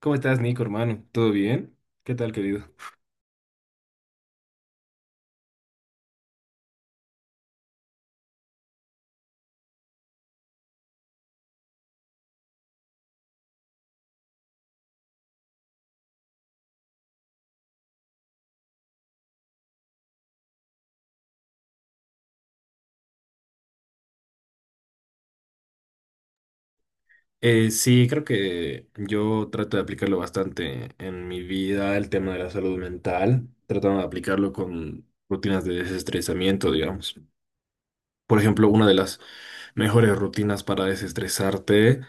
¿Cómo estás, Nico, hermano? ¿Todo bien? ¿Qué tal, querido? Sí, creo que yo trato de aplicarlo bastante en mi vida, el tema de la salud mental, tratando de aplicarlo con rutinas de desestresamiento, digamos. Por ejemplo, una de las mejores rutinas para desestresarte,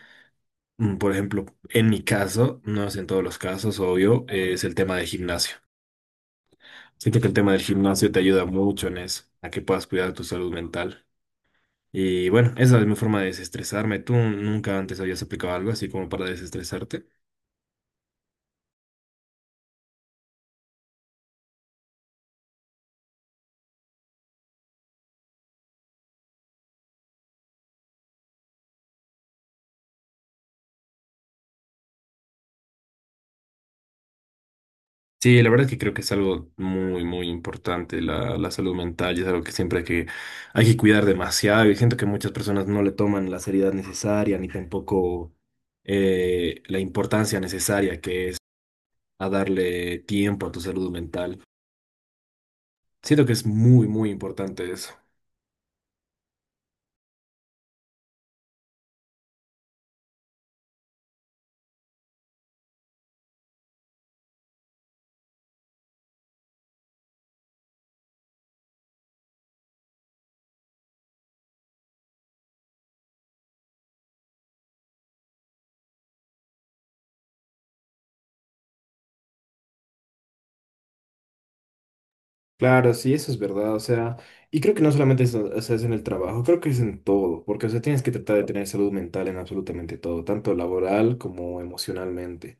por ejemplo, en mi caso, no es en todos los casos, obvio, es el tema del gimnasio. Siento que el tema del gimnasio te ayuda mucho en eso, a que puedas cuidar tu salud mental. Y bueno, esa es mi forma de desestresarme. ¿Tú nunca antes habías aplicado algo así como para desestresarte? Sí, la verdad es que creo que es algo muy, muy importante. La salud mental y es algo que siempre hay que cuidar demasiado. Y siento que muchas personas no le toman la seriedad necesaria ni tampoco la importancia necesaria que es a darle tiempo a tu salud mental. Siento que es muy, muy importante eso. Claro, sí, eso es verdad, o sea, y creo que no solamente es, o sea, es en el trabajo, creo que es en todo, porque, o sea, tienes que tratar de tener salud mental en absolutamente todo, tanto laboral como emocionalmente.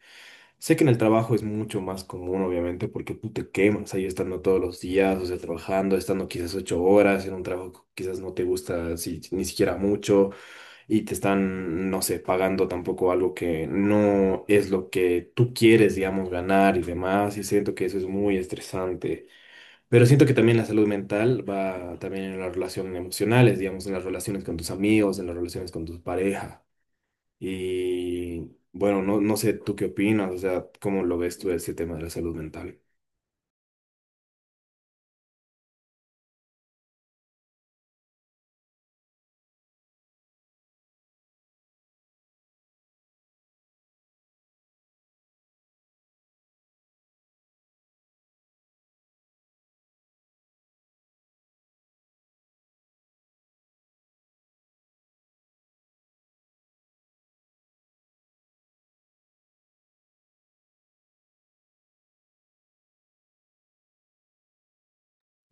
Sé que en el trabajo es mucho más común, obviamente, porque tú te quemas ahí estando todos los días, o sea, trabajando, estando quizás 8 horas en un trabajo que quizás no te gusta si, ni siquiera mucho, y te están, no sé, pagando tampoco algo que no es lo que tú quieres, digamos, ganar y demás, y siento que eso es muy estresante. Pero siento que también la salud mental va también en las relaciones emocionales, digamos, en las relaciones con tus amigos, en las relaciones con tus parejas. Y bueno, no sé tú qué opinas, o sea, ¿cómo lo ves tú ese tema de la salud mental?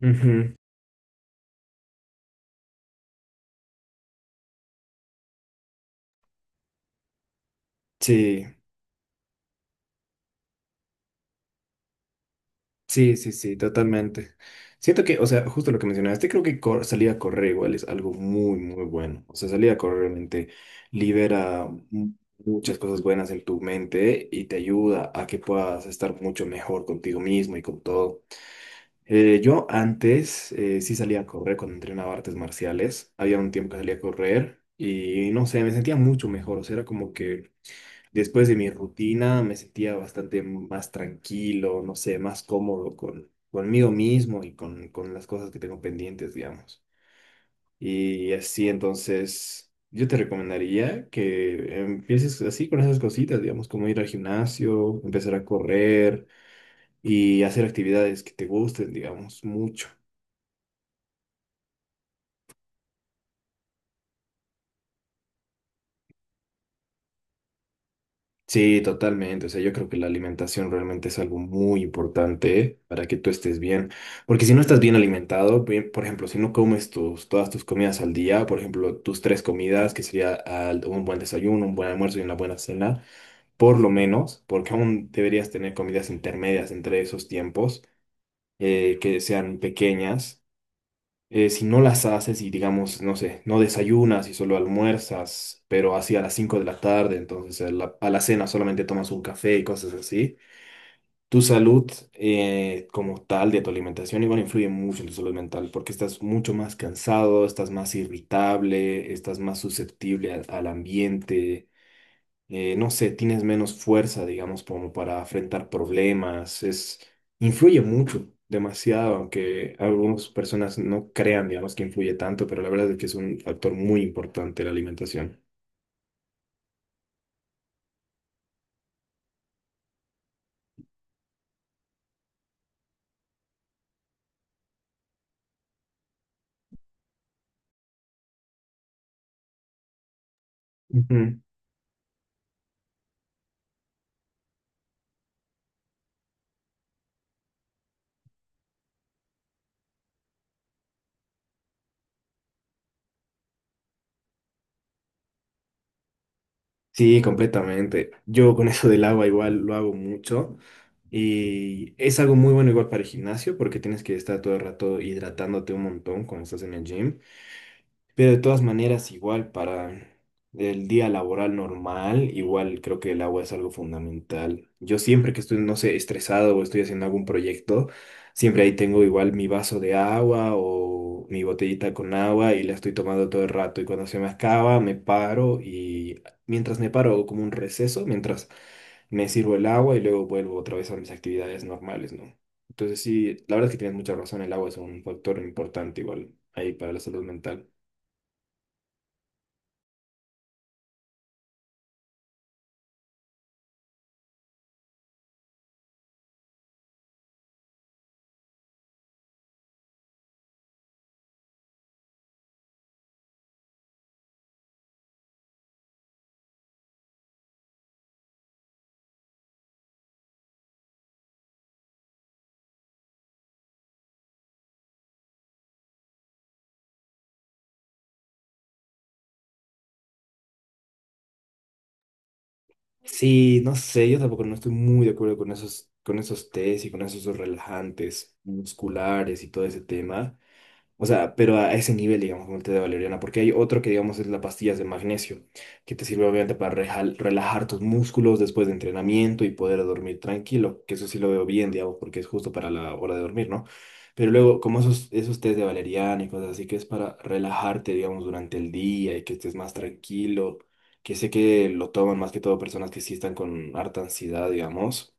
Ujú. Sí, sí, sí, sí, totalmente. Siento que, o sea, justo lo que mencionaste, creo que salir a correr igual es algo muy, muy bueno. O sea, salir a correr realmente libera muchas cosas buenas en tu mente y te ayuda a que puedas estar mucho mejor contigo mismo y con todo. Yo antes sí salía a correr cuando entrenaba artes marciales. Había un tiempo que salía a correr y no sé, me sentía mucho mejor. O sea, era como que después de mi rutina me sentía bastante más tranquilo, no sé, más cómodo conmigo mismo y con las cosas que tengo pendientes, digamos. Y así, entonces, yo te recomendaría que empieces así con esas cositas, digamos, como ir al gimnasio, empezar a correr y hacer actividades que te gusten, digamos, mucho. Sí, totalmente. O sea, yo creo que la alimentación realmente es algo muy importante para que tú estés bien. Porque si no estás bien alimentado, bien, por ejemplo, si no comes todas tus comidas al día, por ejemplo, tus 3 comidas, que sería un buen desayuno, un buen almuerzo y una buena cena, por lo menos, porque aún deberías tener comidas intermedias entre esos tiempos, que sean pequeñas. Si no las haces y digamos, no sé, no desayunas y solo almuerzas, pero así a las 5 de la tarde, entonces a a la cena solamente tomas un café y cosas así, tu salud, como tal de tu alimentación, igual influye mucho en tu salud mental porque estás mucho más cansado, estás más irritable, estás más susceptible al ambiente. No sé, tienes menos fuerza, digamos, como para afrontar problemas, es, influye mucho, demasiado, aunque algunas personas no crean, digamos, que influye tanto, pero la verdad es que es un factor muy importante la alimentación. Ujú. Sí, completamente. Yo con eso del agua igual lo hago mucho y es algo muy bueno igual para el gimnasio porque tienes que estar todo el rato hidratándote un montón cuando estás en el gym. Pero de todas maneras, igual para el día laboral normal, igual creo que el agua es algo fundamental. Yo siempre que estoy, no sé, estresado o estoy haciendo algún proyecto, siempre ahí tengo igual mi vaso de agua o mi botellita con agua y la estoy tomando todo el rato. Y cuando se me acaba, me paro y mientras me paro hago como un receso, mientras me sirvo el agua y luego vuelvo otra vez a mis actividades normales, ¿no? Entonces sí, la verdad es que tienes mucha razón, el agua es un factor importante igual ahí para la salud mental. Sí, no sé, yo tampoco no estoy muy de acuerdo con esos tés y con esos relajantes musculares y todo ese tema. O sea, pero a ese nivel, digamos, con el té de valeriana, porque hay otro que, digamos, es las pastillas de magnesio, que te sirve obviamente para relajar tus músculos después de entrenamiento y poder dormir tranquilo, que eso sí lo veo bien, digamos, porque es justo para la hora de dormir, ¿no? Pero luego, como esos tés de valeriana y cosas así, que es para relajarte, digamos, durante el día y que estés más tranquilo, que sé que lo toman más que todo personas que sí están con harta ansiedad, digamos.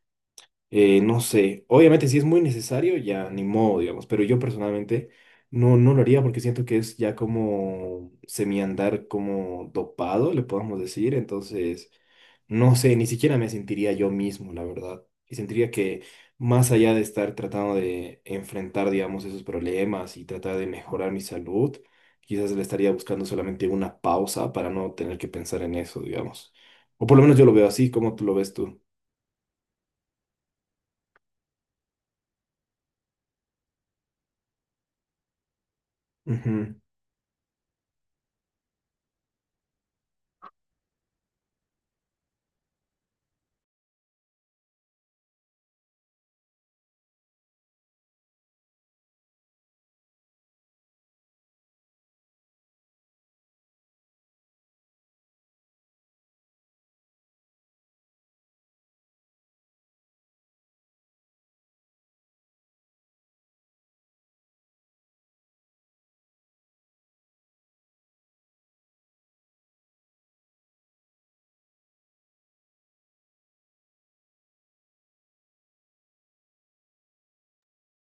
No sé, obviamente si es muy necesario, ya ni modo, digamos, pero yo personalmente no lo haría porque siento que es ya como semiandar como dopado, le podamos decir, entonces no sé, ni siquiera me sentiría yo mismo, la verdad, y sentiría que más allá de estar tratando de enfrentar, digamos, esos problemas y tratar de mejorar mi salud, quizás le estaría buscando solamente una pausa para no tener que pensar en eso, digamos, o por lo menos yo lo veo así, como tú lo ves tú.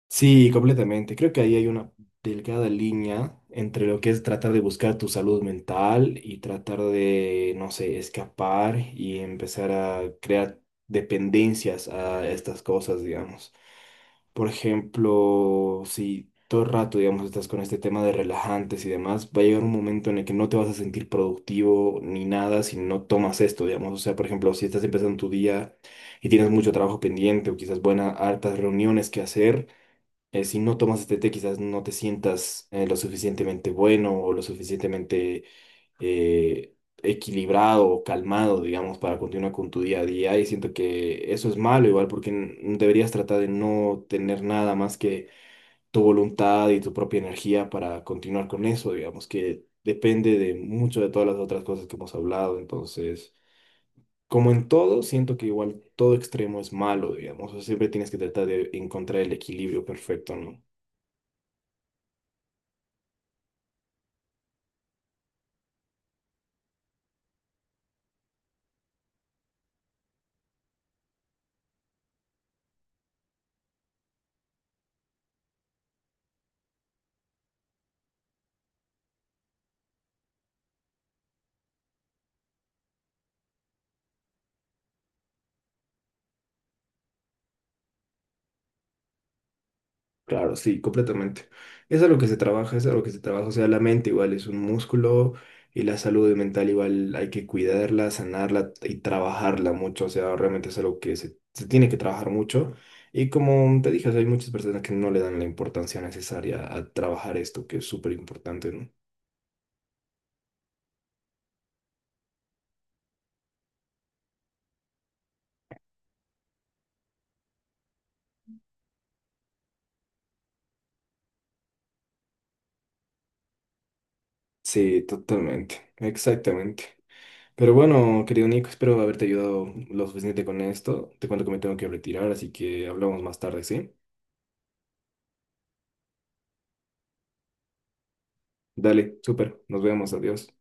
Sí, completamente. Creo que ahí hay una delgada línea entre lo que es tratar de buscar tu salud mental y tratar de, no sé, escapar y empezar a crear dependencias a estas cosas, digamos. Por ejemplo, si todo el rato, digamos, estás con este tema de relajantes y demás, va a llegar un momento en el que no te vas a sentir productivo ni nada si no tomas esto, digamos. O sea, por ejemplo, si estás empezando tu día y tienes mucho trabajo pendiente o quizás buenas, hartas reuniones que hacer, si no tomas este té, quizás no te sientas lo suficientemente bueno o lo suficientemente eh, equilibrado o calmado, digamos, para continuar con tu día a día. Y siento que eso es malo, igual, porque deberías tratar de no tener nada más que tu voluntad y tu propia energía para continuar con eso, digamos, que depende de mucho de todas las otras cosas que hemos hablado. Entonces. Como en todo, siento que igual todo extremo es malo, digamos. O sea, siempre tienes que tratar de encontrar el equilibrio perfecto, ¿no? Claro, sí, completamente. Es a lo que se trabaja, es a lo que se trabaja. O sea, la mente igual es un músculo y la salud mental igual hay que cuidarla, sanarla y trabajarla mucho. O sea, realmente es algo que se tiene que trabajar mucho. Y como te dije, o sea, hay muchas personas que no le dan la importancia necesaria a trabajar esto, que es súper importante, ¿no? Sí, totalmente, exactamente. Pero bueno, querido Nico, espero haberte ayudado lo suficiente con esto. Te cuento que me tengo que retirar, así que hablamos más tarde, ¿sí? Dale, súper, nos vemos, adiós.